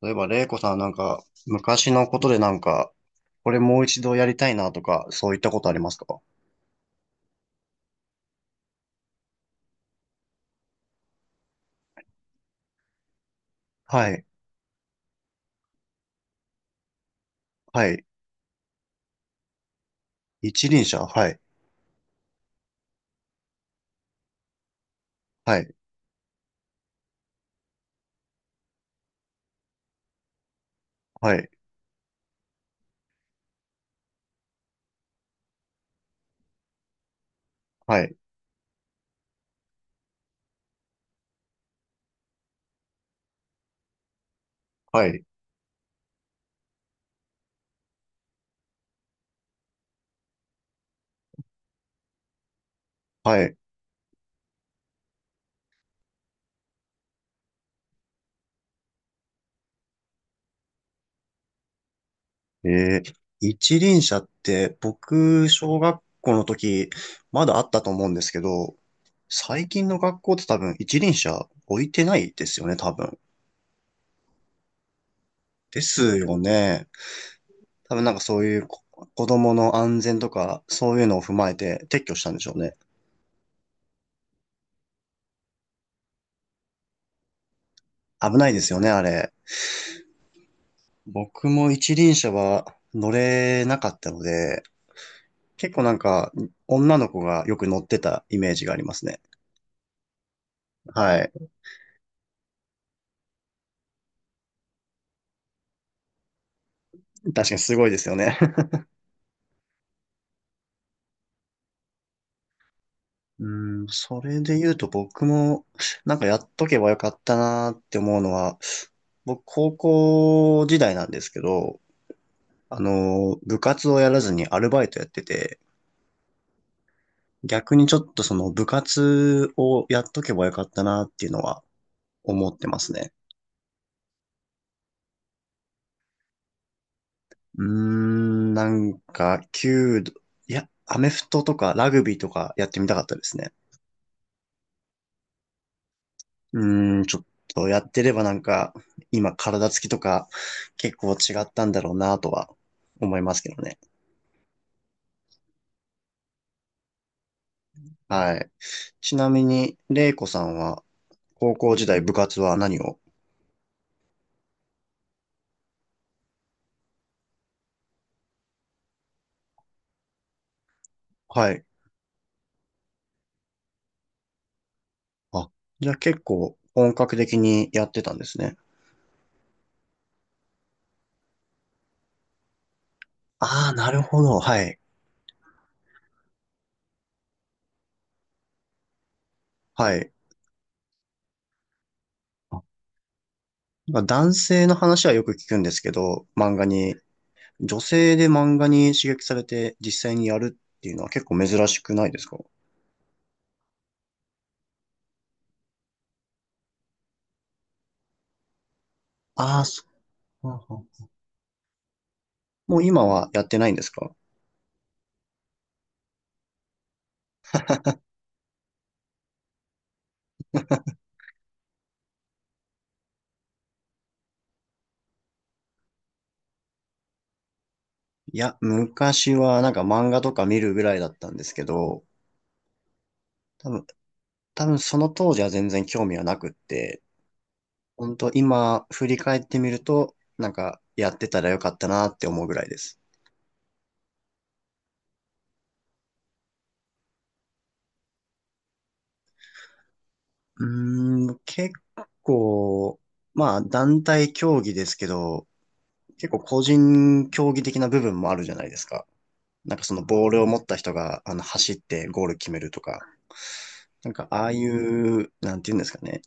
例えば、玲子さんなんか、昔のことでなんか、これもう一度やりたいなとか、そういったことありますか？はい、はい。一輪車、はい、はい、はい、はい、はい、はい。えー、一輪車って、僕、小学校の時、まだあったと思うんですけど、最近の学校って多分一輪車置いてないですよね、多分。ですよね。多分なんかそういうこ子供の安全とか、そういうのを踏まえて撤去したんでしょうね。危ないですよね、あれ。僕も一輪車は乗れなかったので、結構なんか女の子がよく乗ってたイメージがありますね。はい。確かにすごいですよね。うん、それで言うと僕もなんかやっとけばよかったなって思うのは、僕高校時代なんですけど、部活をやらずにアルバイトやってて、逆にちょっとその部活をやっとけばよかったなっていうのは思ってますね。うーん、なんか、弓道、いや、アメフトとかラグビーとかやってみたかったですね。うーん、ちょっとやってればなんか、今体つきとか結構違ったんだろうなとは思いますけどね。はい。ちなみに、レイコさんは高校時代部活は何を？はい。あ、じゃあ結構本格的にやってたんですね。ああ、なるほど。はい。はい。あまあ男性の話はよく聞くんですけど、漫画に女性で漫画に刺激されて実際にやるっていうのは結構珍しくないですか？ああ、そう、もう今はやってないんですか？いや、昔はなんか漫画とか見るぐらいだったんですけど、多分、その当時は全然興味はなくって、本当今振り返ってみると、なんかやってたらよかったなって思うぐらいです。うーん、結構、まあ団体競技ですけど、結構個人競技的な部分もあるじゃないですか。なんかそのボールを持った人が、走ってゴール決めるとか、なんかああいう、なんていうんですかね、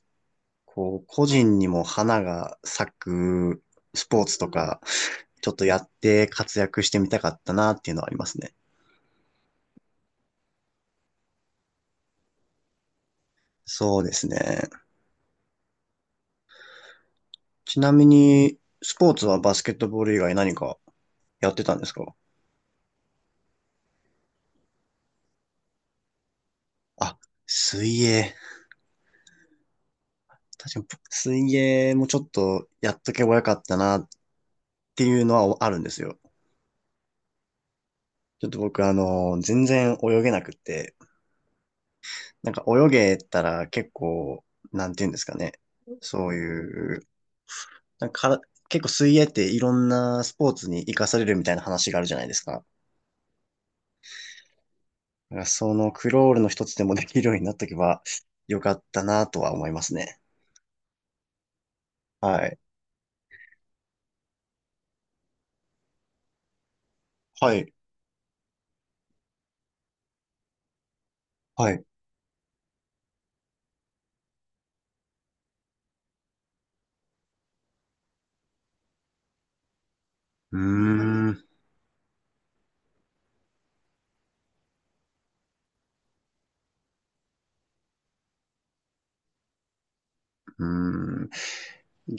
こう、個人にも花が咲くスポーツとか、ちょっとやって活躍してみたかったなっていうのはありますね。そうですね。ちなみに、スポーツはバスケットボール以外何かやってたんですか？あ、水泳。確かに、水泳もちょっとやっとけばよかったなっていうのはあるんですよ。ちょっと僕、全然泳げなくって、なんか泳げたら結構、なんていうんですかね。そういう、なんかから結構水泳っていろんなスポーツに活かされるみたいな話があるじゃないですか。だからそのクロールの一つでもできるようになっとけばよかったなとは思いますね。はい。はい。はい。うーん。うーん。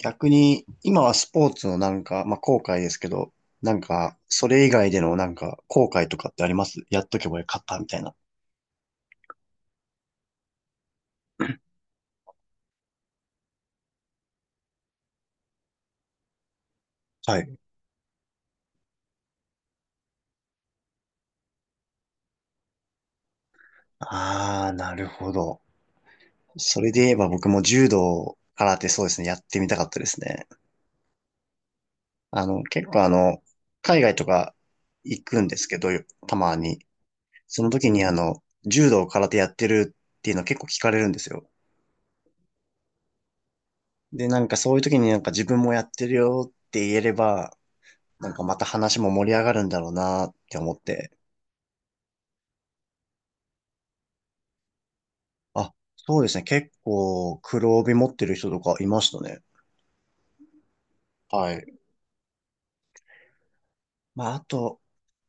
逆に、今はスポーツのなんか、まあ、後悔ですけど、なんか、それ以外でのなんか、後悔とかってありますやっとけばよかったみたいな。はい。ああ、なるほど。それで言えば僕も柔道、空手そうですね、やってみたかったですね。結構海外とか行くんですけど、たまに。その時に柔道、空手やってるっていうの結構聞かれるんですよ。で、なんかそういう時になんか自分もやってるよって言えれば、なんかまた話も盛り上がるんだろうなって思って。あ、そうですね、結構黒帯持ってる人とかいましたね。はい。まあ、あと、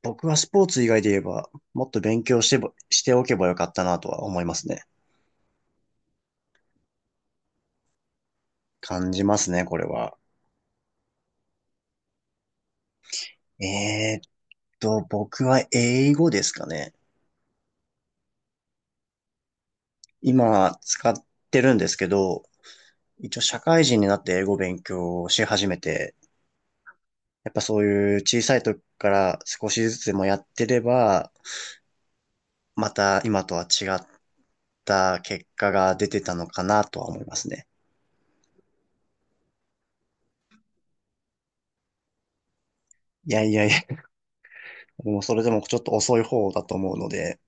僕はスポーツ以外で言えば、もっと勉強してば、しておけばよかったなとは思いますね。感じますね、これは。えーっ僕は英語ですかね。今、使ってるんですけど、一応社会人になって英語勉強をし始めて、やっぱそういう小さい時から少しずつでもやってれば、また今とは違った結果が出てたのかなとは思いますね。いやいやいや、もうそれでもちょっと遅い方だと思うので、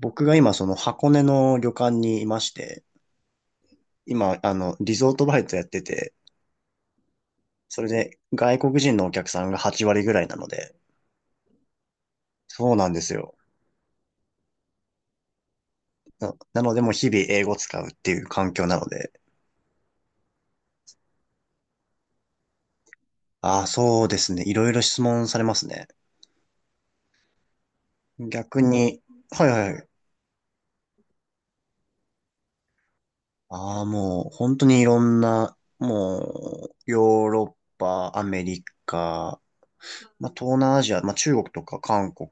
僕が今、その箱根の旅館にいまして、今、リゾートバイトやってて、それで外国人のお客さんが8割ぐらいなので、そうなんですよ。なので、もう日々英語使うっていう環境なので、ああ、そうですね。いろいろ質問されますね。逆に、はいはいはい。ああ、もう、本当にいろんな、もう、ヨーロッパ、アメリカ、まあ、東南アジア、まあ、中国とか韓国、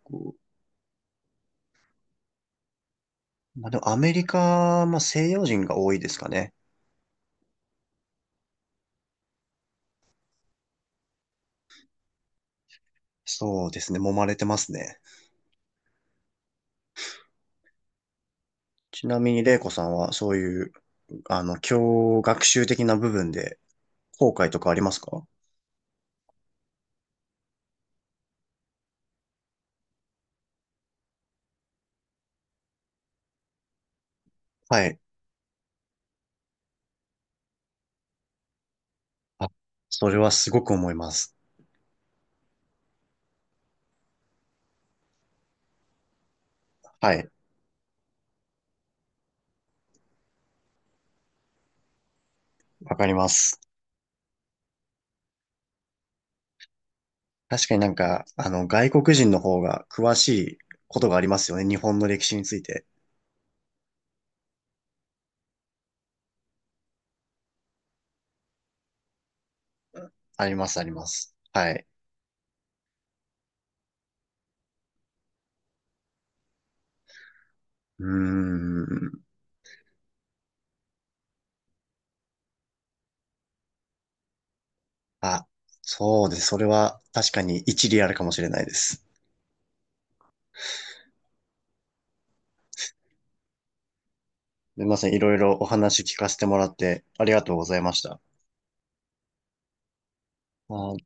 まあ、でもアメリカ、まあ、西洋人が多いですかね。そうですね。揉まれてますね。ちなみに、玲子さんは、そういう、教学習的な部分で、後悔とかありますか？はい。あ、それはすごく思います。はい。わかります。確かになんか、外国人の方が詳しいことがありますよね。日本の歴史について。あります、あります。はい。うーん。あ、そうです。それは確かに一理あるかもしれないです。すみません。いろいろお話聞かせてもらってありがとうございました。あー